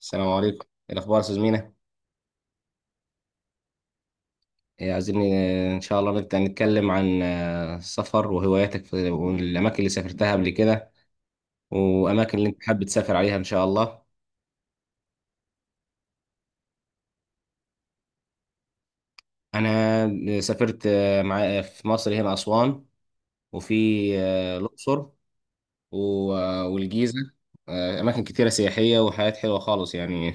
السلام عليكم، إيه الأخبار يا أستاذ مينا؟ إيه، عايزين إن شاء الله نتكلم عن السفر وهواياتك في والأماكن اللي سافرتها قبل كده، وأماكن اللي أنت حابب تسافر عليها إن شاء الله. أنا سافرت مع في مصر، هنا أسوان، وفي الأقصر والجيزة. أماكن كتيرة سياحية وحاجات حلوة خالص يعني.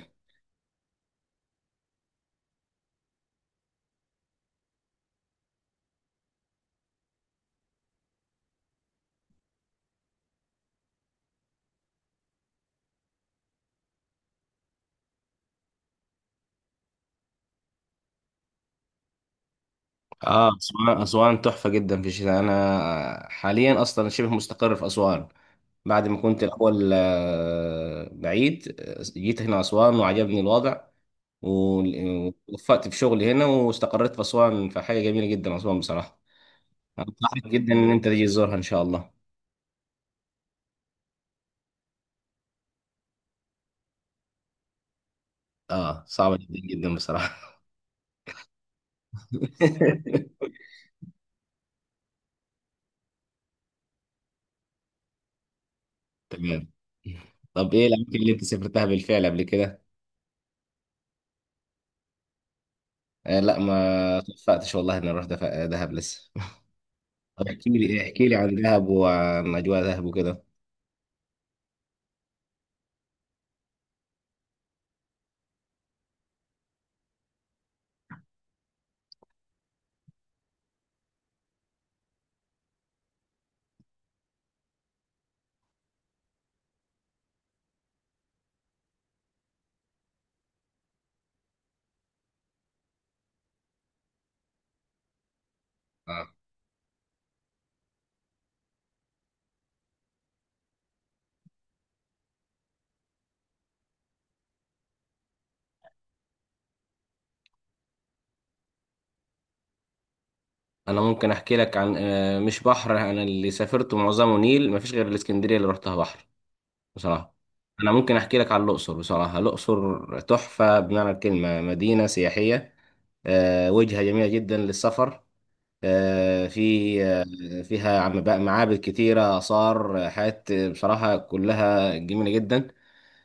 اه، اسوان تحفه جدا في الشتاء. انا حاليا اصلا شبه مستقر في اسوان. بعد ما كنت الاول بعيد، جيت هنا اسوان وعجبني الوضع ووفقت في شغلي هنا واستقريت في اسوان. فحاجه جميله جدا اسوان بصراحه. انصحك جدا ان انت تيجي تزورها ان شاء الله. اه، صعبه جدا جدا بصراحه. تمام. طب ايه الاماكن اللي انت سافرتها بالفعل قبل كده؟ آه لا، ما توفقتش والله اني اروح دهب لسه. طب احكي لي، احكي لي عن دهب وعن اجواء دهب وكده. آه. انا ممكن احكي لك عن مش بحر، انا اللي سافرته معظمه نيل، مفيش غير الاسكندريه اللي رحتها بحر بصراحه. انا ممكن احكي لك عن الاقصر. بصراحه الاقصر تحفه بمعنى الكلمه، مدينه سياحيه، وجهه جميله جدا للسفر. آه، في آه، فيها بقى معابد كتيره، اثار، حاجات بصراحه كلها جميله جدا.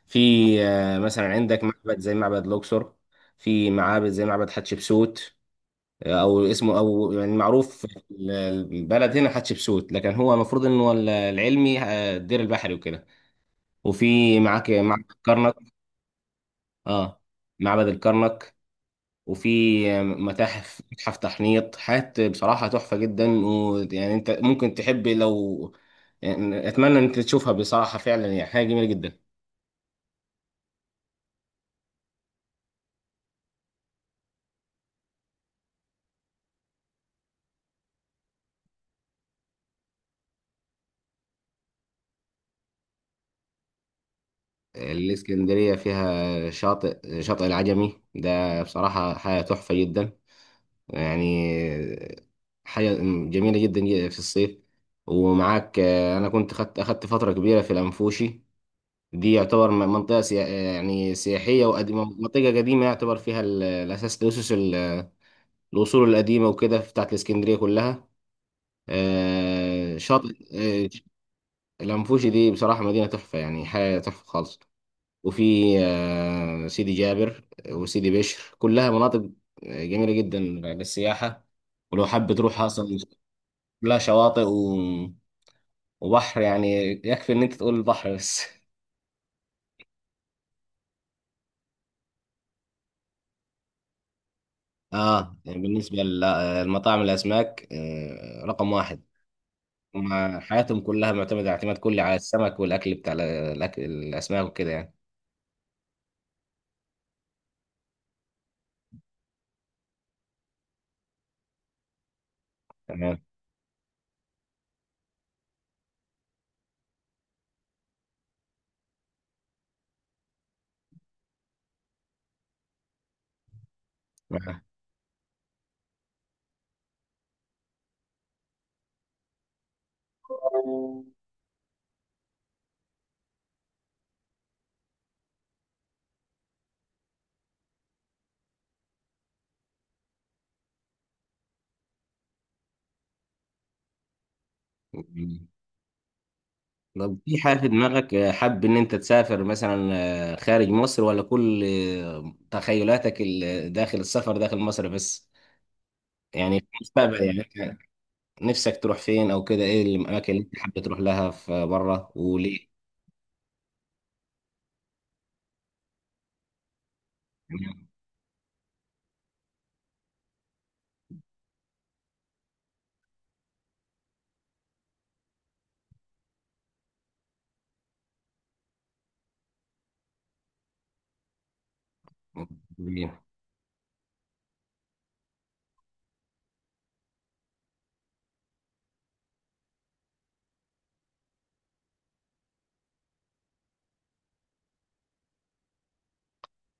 في مثلا عندك معبد زي معبد لوكسور. في معابد زي معبد حتشبسوت، او اسمه او يعني معروف في البلد هنا حتشبسوت، لكن هو المفروض انه هو العلمي الدير البحري وكده. وفي معاك معبد الكرنك. اه، معبد الكرنك. وفي متاحف، متحف تحنيط، حاجات بصراحة تحفة جدا. ويعني انت ممكن تحب لو يعني، اتمنى ان انت تشوفها بصراحة، فعلا يعني حاجة جميلة جدا. الإسكندرية فيها شاطئ، شاطئ العجمي ده بصراحة حاجة تحفة جدا يعني، حاجة جميلة جدا في الصيف. ومعاك أنا كنت خدت أخدت فترة كبيرة في الأنفوشي. دي يعتبر منطقة يعني سياحية وقديمة، منطقة قديمة، يعتبر فيها الأساس، الأسس الأصول القديمة وكده، بتاعت الإسكندرية كلها. آه، شاطئ آه، الأنفوشي دي بصراحة مدينة تحفة يعني، حاجة تحفة خالص. وفي سيدي جابر وسيدي بشر، كلها مناطق جميلة جدا للسياحة. ولو حابة تروح أصلا، كلها شواطئ وبحر يعني. يكفي إن أنت تقول البحر بس. آه، يعني بالنسبة للمطاعم الأسماك رقم واحد. هما حياتهم كلها معتمدة اعتماد كلي على السمك والأكل، بتاع الأكل الأسماك وكده يعني. تمام. طب، في حاجة في دماغك حابب إن أنت تسافر مثلا خارج مصر، ولا كل تخيلاتك داخل السفر داخل مصر بس، يعني في المستقبل يعني؟ أنت نفسك تروح فين أو كده؟ إيه الأماكن اللي أنت حابب تروح لها في بره وليه؟ تمام.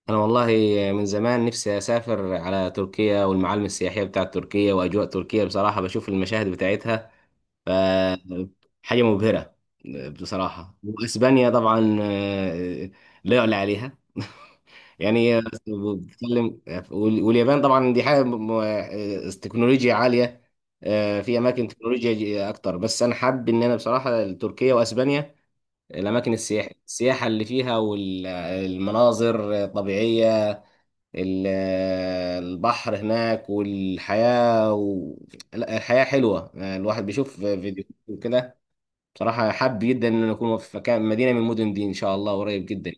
أنا والله من زمان نفسي أسافر على تركيا، والمعالم السياحية بتاعت تركيا وأجواء تركيا بصراحة، بشوف المشاهد بتاعتها ف حاجة مبهرة بصراحة. وأسبانيا طبعا لا يعلى عليها، يعني بتتكلم. وال- واليابان طبعا دي حاجه تكنولوجيا عاليه، في اماكن تكنولوجيا اكتر. بس انا حابب ان انا بصراحه تركيا واسبانيا، الاماكن السياحه اللي فيها والمناظر طبيعيه، ال- البحر هناك والحياه و... لا، الحياه حلوه. الواحد بيشوف فيديوهات وكده. بصراحه حابب جدا ان أنا اكون في مكان، مدينه من المدن دي ان شاء الله قريب جدا.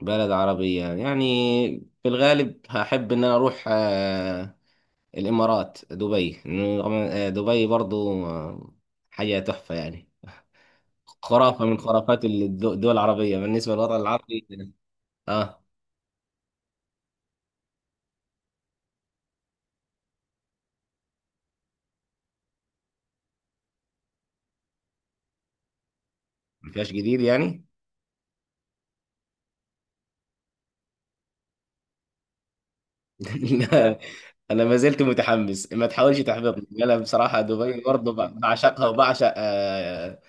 بلد عربية يعني، في الغالب هحب إن أنا أروح الإمارات، دبي. إنه دبي برضو حاجة تحفة يعني، خرافة من خرافات الدول العربية بالنسبة للوطن العربي. آه، ما فيهاش جديد يعني. لا، أنا ما زلت متحمس، ما تحاولش تحبطني. أنا بصراحة دبي برضو بعشقها، وبعشق آه،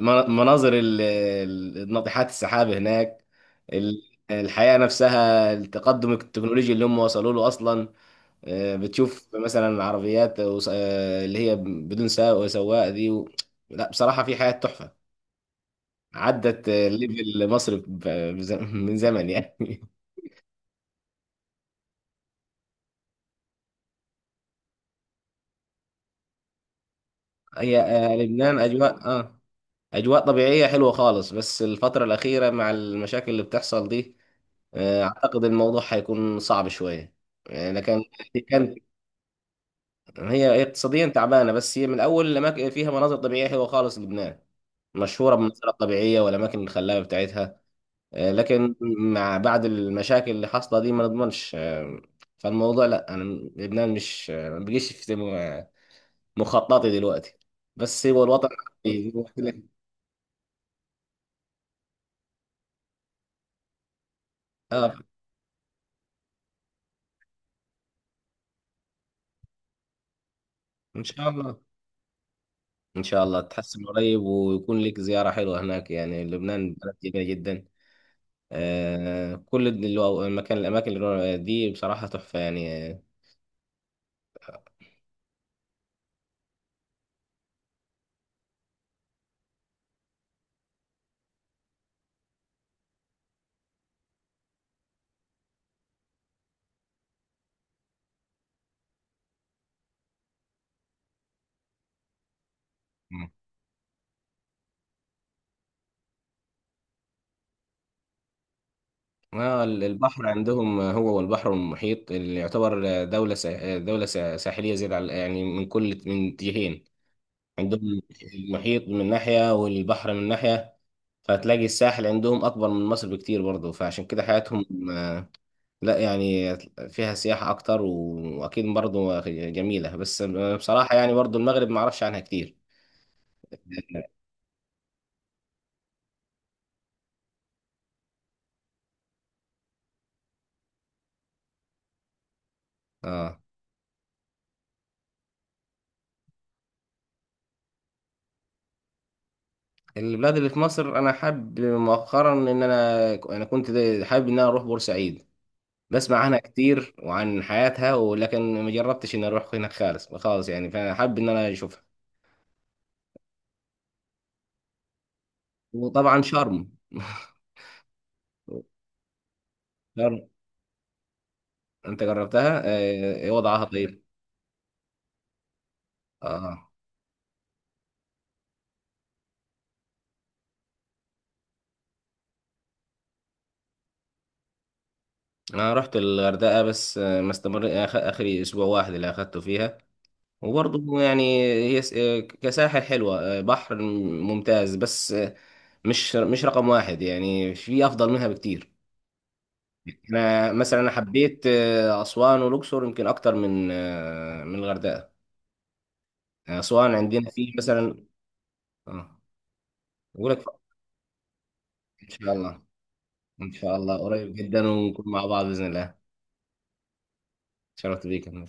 من- مناظر ناطحات السحاب هناك، ال- الحياة نفسها، التقدم التكنولوجي اللي هم وصلوا له أصلا. بتشوف مثلا عربيات اللي هي بدون سائق وسواق دي و... لا بصراحة في حياة تحفة، عدت ليفل مصر ب من زمن يعني. هي لبنان أجواء آه، أجواء طبيعية حلوة خالص، بس الفترة الأخيرة مع المشاكل اللي بتحصل دي أعتقد الموضوع هيكون صعب شوية يعني. أنا كان هي، هي اقتصاديا تعبانه، بس هي من اول الاماكن فيها مناظر طبيعيه حلوه خالص. لبنان مشهوره بالمناظر الطبيعيه والاماكن الخلابه بتاعتها، لكن مع بعد المشاكل اللي حاصله دي ما نضمنش. فالموضوع، لا، انا لبنان مش ما بقيش في مخططي دلوقتي، بس هو الوطن عندي زي ما قلت لك. اه، ان شاء الله. ان شاء الله تحسن قريب ويكون لك زياره حلوه هناك يعني، لبنان بلد جميله جدا. كل المكان، الاماكن اللي دي بصراحه تحفه يعني. آه، البحر عندهم، هو والبحر والمحيط، اللي يعتبر ساحلية زيادة على يعني من كل من جهين، عندهم المحيط من ناحية والبحر من ناحية. فهتلاقي الساحل عندهم أكبر من مصر بكتير برضه، فعشان كده حياتهم لا يعني فيها سياحة أكتر، وأكيد برضه جميلة، بس بصراحة يعني برضه المغرب معرفش عنها كتير. اه، البلاد اللي في مصر، انا حابب مؤخرا ان انا كنت حابب ان انا اروح بورسعيد. بسمع عنها كتير وعن حياتها، ولكن ما جربتش اني اروح هناك خالص خالص يعني، فانا حابب ان انا اشوفها. وطبعا شرم. شرم انت جربتها ايه وضعها طيب؟ اه، انا رحت الغردقه بس ما استمر اخري اسبوع واحد اللي اخدته فيها، وبرضه يعني هي كساحل حلوه، بحر ممتاز، بس مش رقم واحد يعني، في افضل منها بكتير. انا مثلا انا حبيت اسوان والاقصر يمكن اكتر من من الغردقه. أسوان عندنا في مثلا، اه، أقول لك. إن شاء الله. إن شاء الله قريب جدا ونكون مع بعض بإذن الله. شرفت بيك يا